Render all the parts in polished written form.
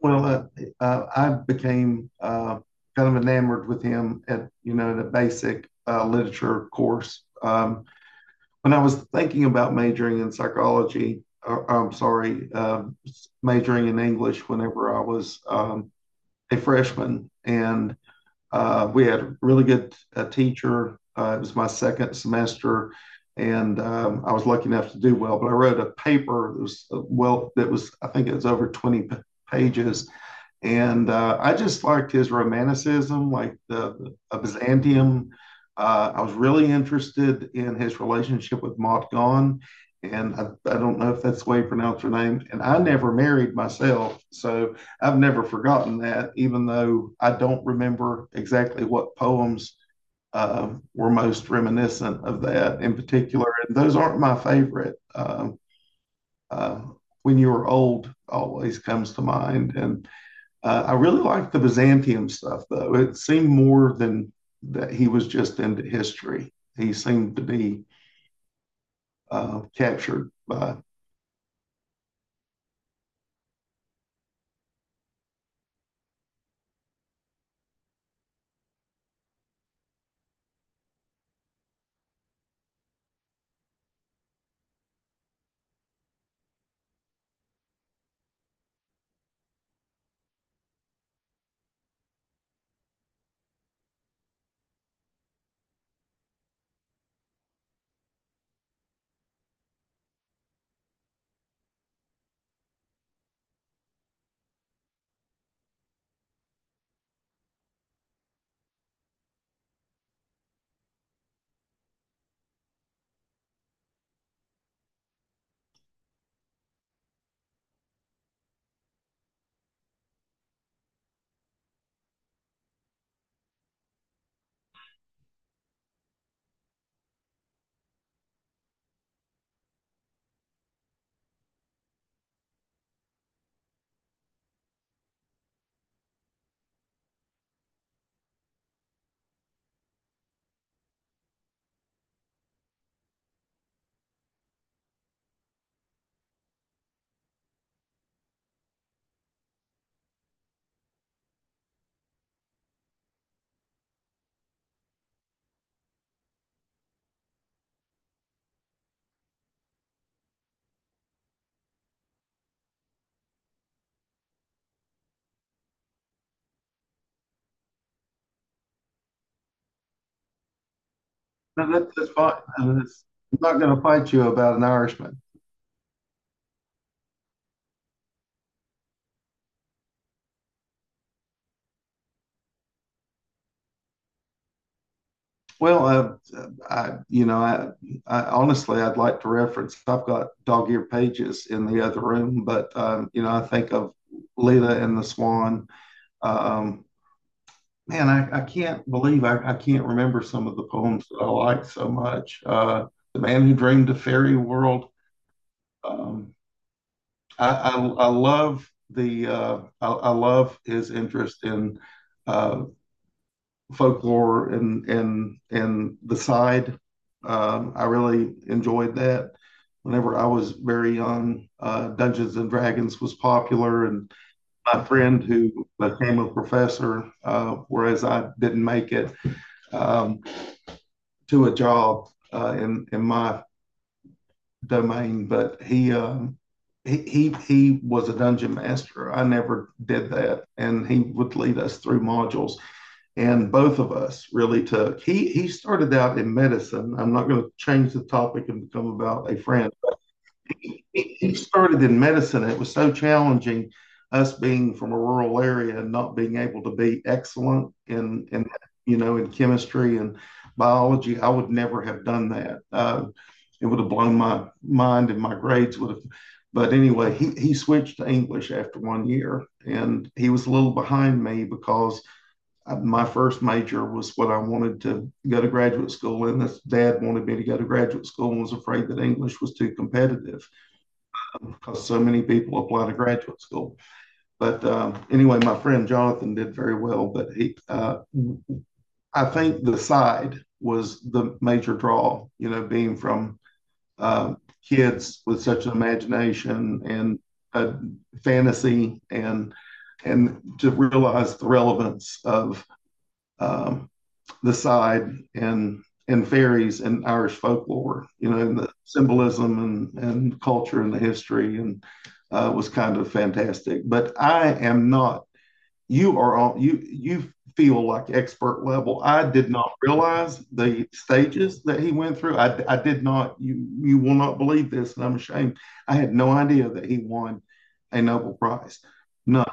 Well, uh, I became kind of enamored with him at the basic literature course. When I was thinking about majoring in psychology, or, I'm sorry, majoring in English whenever I was a freshman, and we had a really good teacher. It was my second semester, and I was lucky enough to do well. But I wrote a paper that was I think it was over 20 pages, and I just liked his romanticism, like the Byzantium. I was really interested in his relationship with Maud Gonne, and I don't know if that's the way you pronounce her name. And I never married myself, so I've never forgotten that, even though I don't remember exactly what poems were most reminiscent of that in particular. And those aren't my favorite. Uh, when you are old always comes to mind, and I really liked the Byzantium stuff, though. It seemed more than that he was just into history. He seemed to be captured by. No, that's fine. Uh, I'm not going to fight you about an Irishman. Well, uh, I, you know, I, I honestly, I'd like to reference. I've got dog ear pages in the other room, but I think of Lita and the Swan. uh, Um, Man, I can't believe I can't remember some of the poems that I like so much. The Man Who Dreamed a Fairy World. Um, I love the I love his interest in uh, folklore and and the side. I really enjoyed that. Whenever I was very young, Dungeons and Dragons was popular, and my friend who became a professor, whereas I didn't make it, um, to a job in my domain, but he was a dungeon master. I never did that, and he would lead us through modules. And both of us really took. He started out in medicine. I'm not going to change the topic and become about a friend. He started in medicine. It was so challenging, us being from a rural area and not being able to be excellent in, you know, in chemistry and biology. I would never have done that. It would have blown my mind, and my grades would have. But anyway, he switched to English after 1 year, and he was a little behind me because my first major was what I wanted to go to graduate school in. His dad wanted me to go to graduate school and was afraid that English was too competitive because so many people apply to graduate school. But anyway, my friend Jonathan did very well, but I think the side was the major draw, you know, being from uh, kids with such an imagination and a fantasy and to realize the relevance of um, the side and and fairies and Irish folklore, you know, and the symbolism and culture and the history, and was kind of fantastic. But I am not. You are on. You feel like expert level. I did not realize the stages that he went through. I did not. You will not believe this, and I'm ashamed. I had no idea that he won a Nobel Prize. None.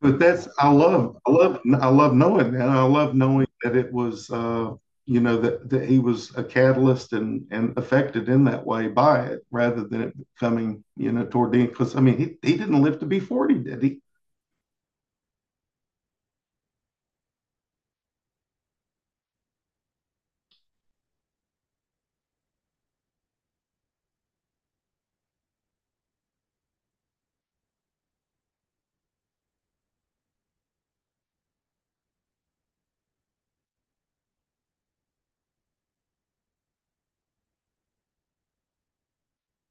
But that's, I love knowing that. I love knowing that it was, you know, that that he was a catalyst and affected in that way by it rather than it becoming, you know, toward the end, because I mean he didn't live to be 40, did he?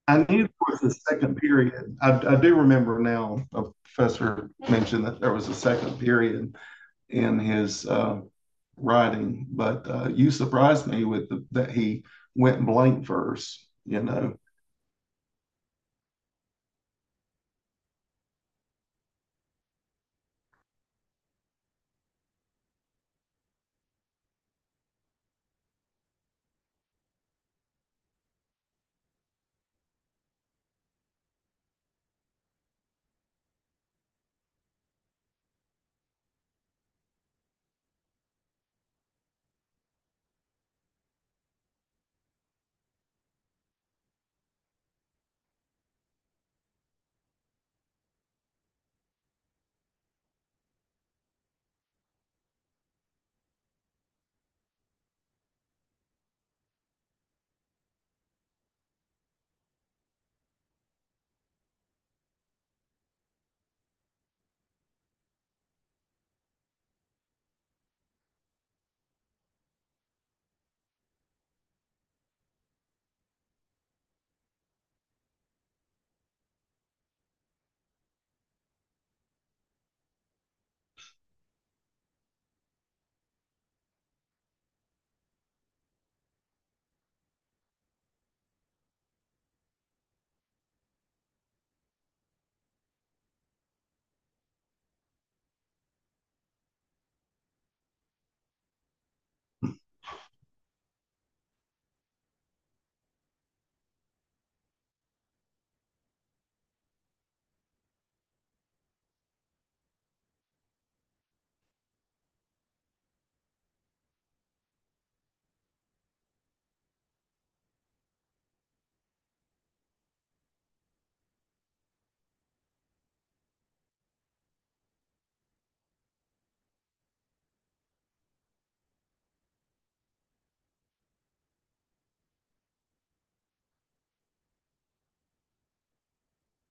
I knew it was the second period. I do remember now. A professor mentioned that there was a second period in his writing, but you surprised me with that he went blank verse. You know,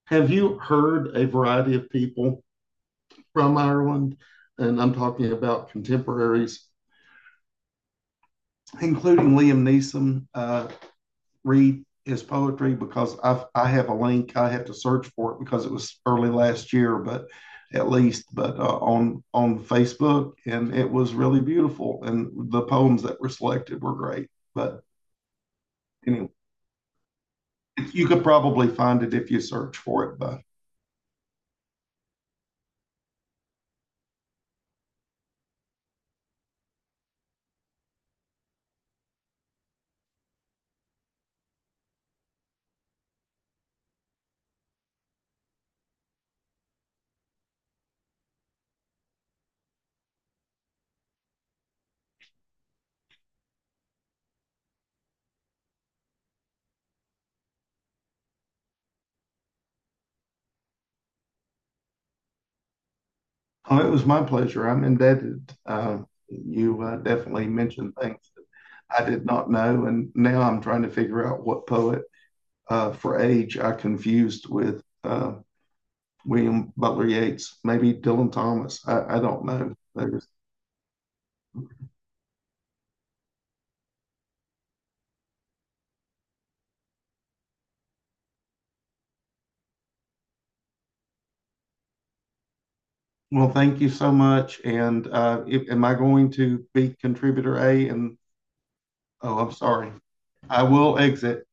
have you heard a variety of people from Ireland? And I'm talking about contemporaries, including Liam Neeson. Read his poetry because I have a link. I had to search for it because it was early last year, but at least, but on Facebook, and it was really beautiful. And the poems that were selected were great. But anyway, you could probably find it if you search for it. But oh, it was my pleasure. I'm indebted. You definitely mentioned things I did not know. And now I'm trying to figure out what poet for age I confused with William Butler Yeats, maybe Dylan Thomas. I don't know. There's, well, thank you so much. And if, am I going to be contributor A? And oh, I'm sorry. I will exit.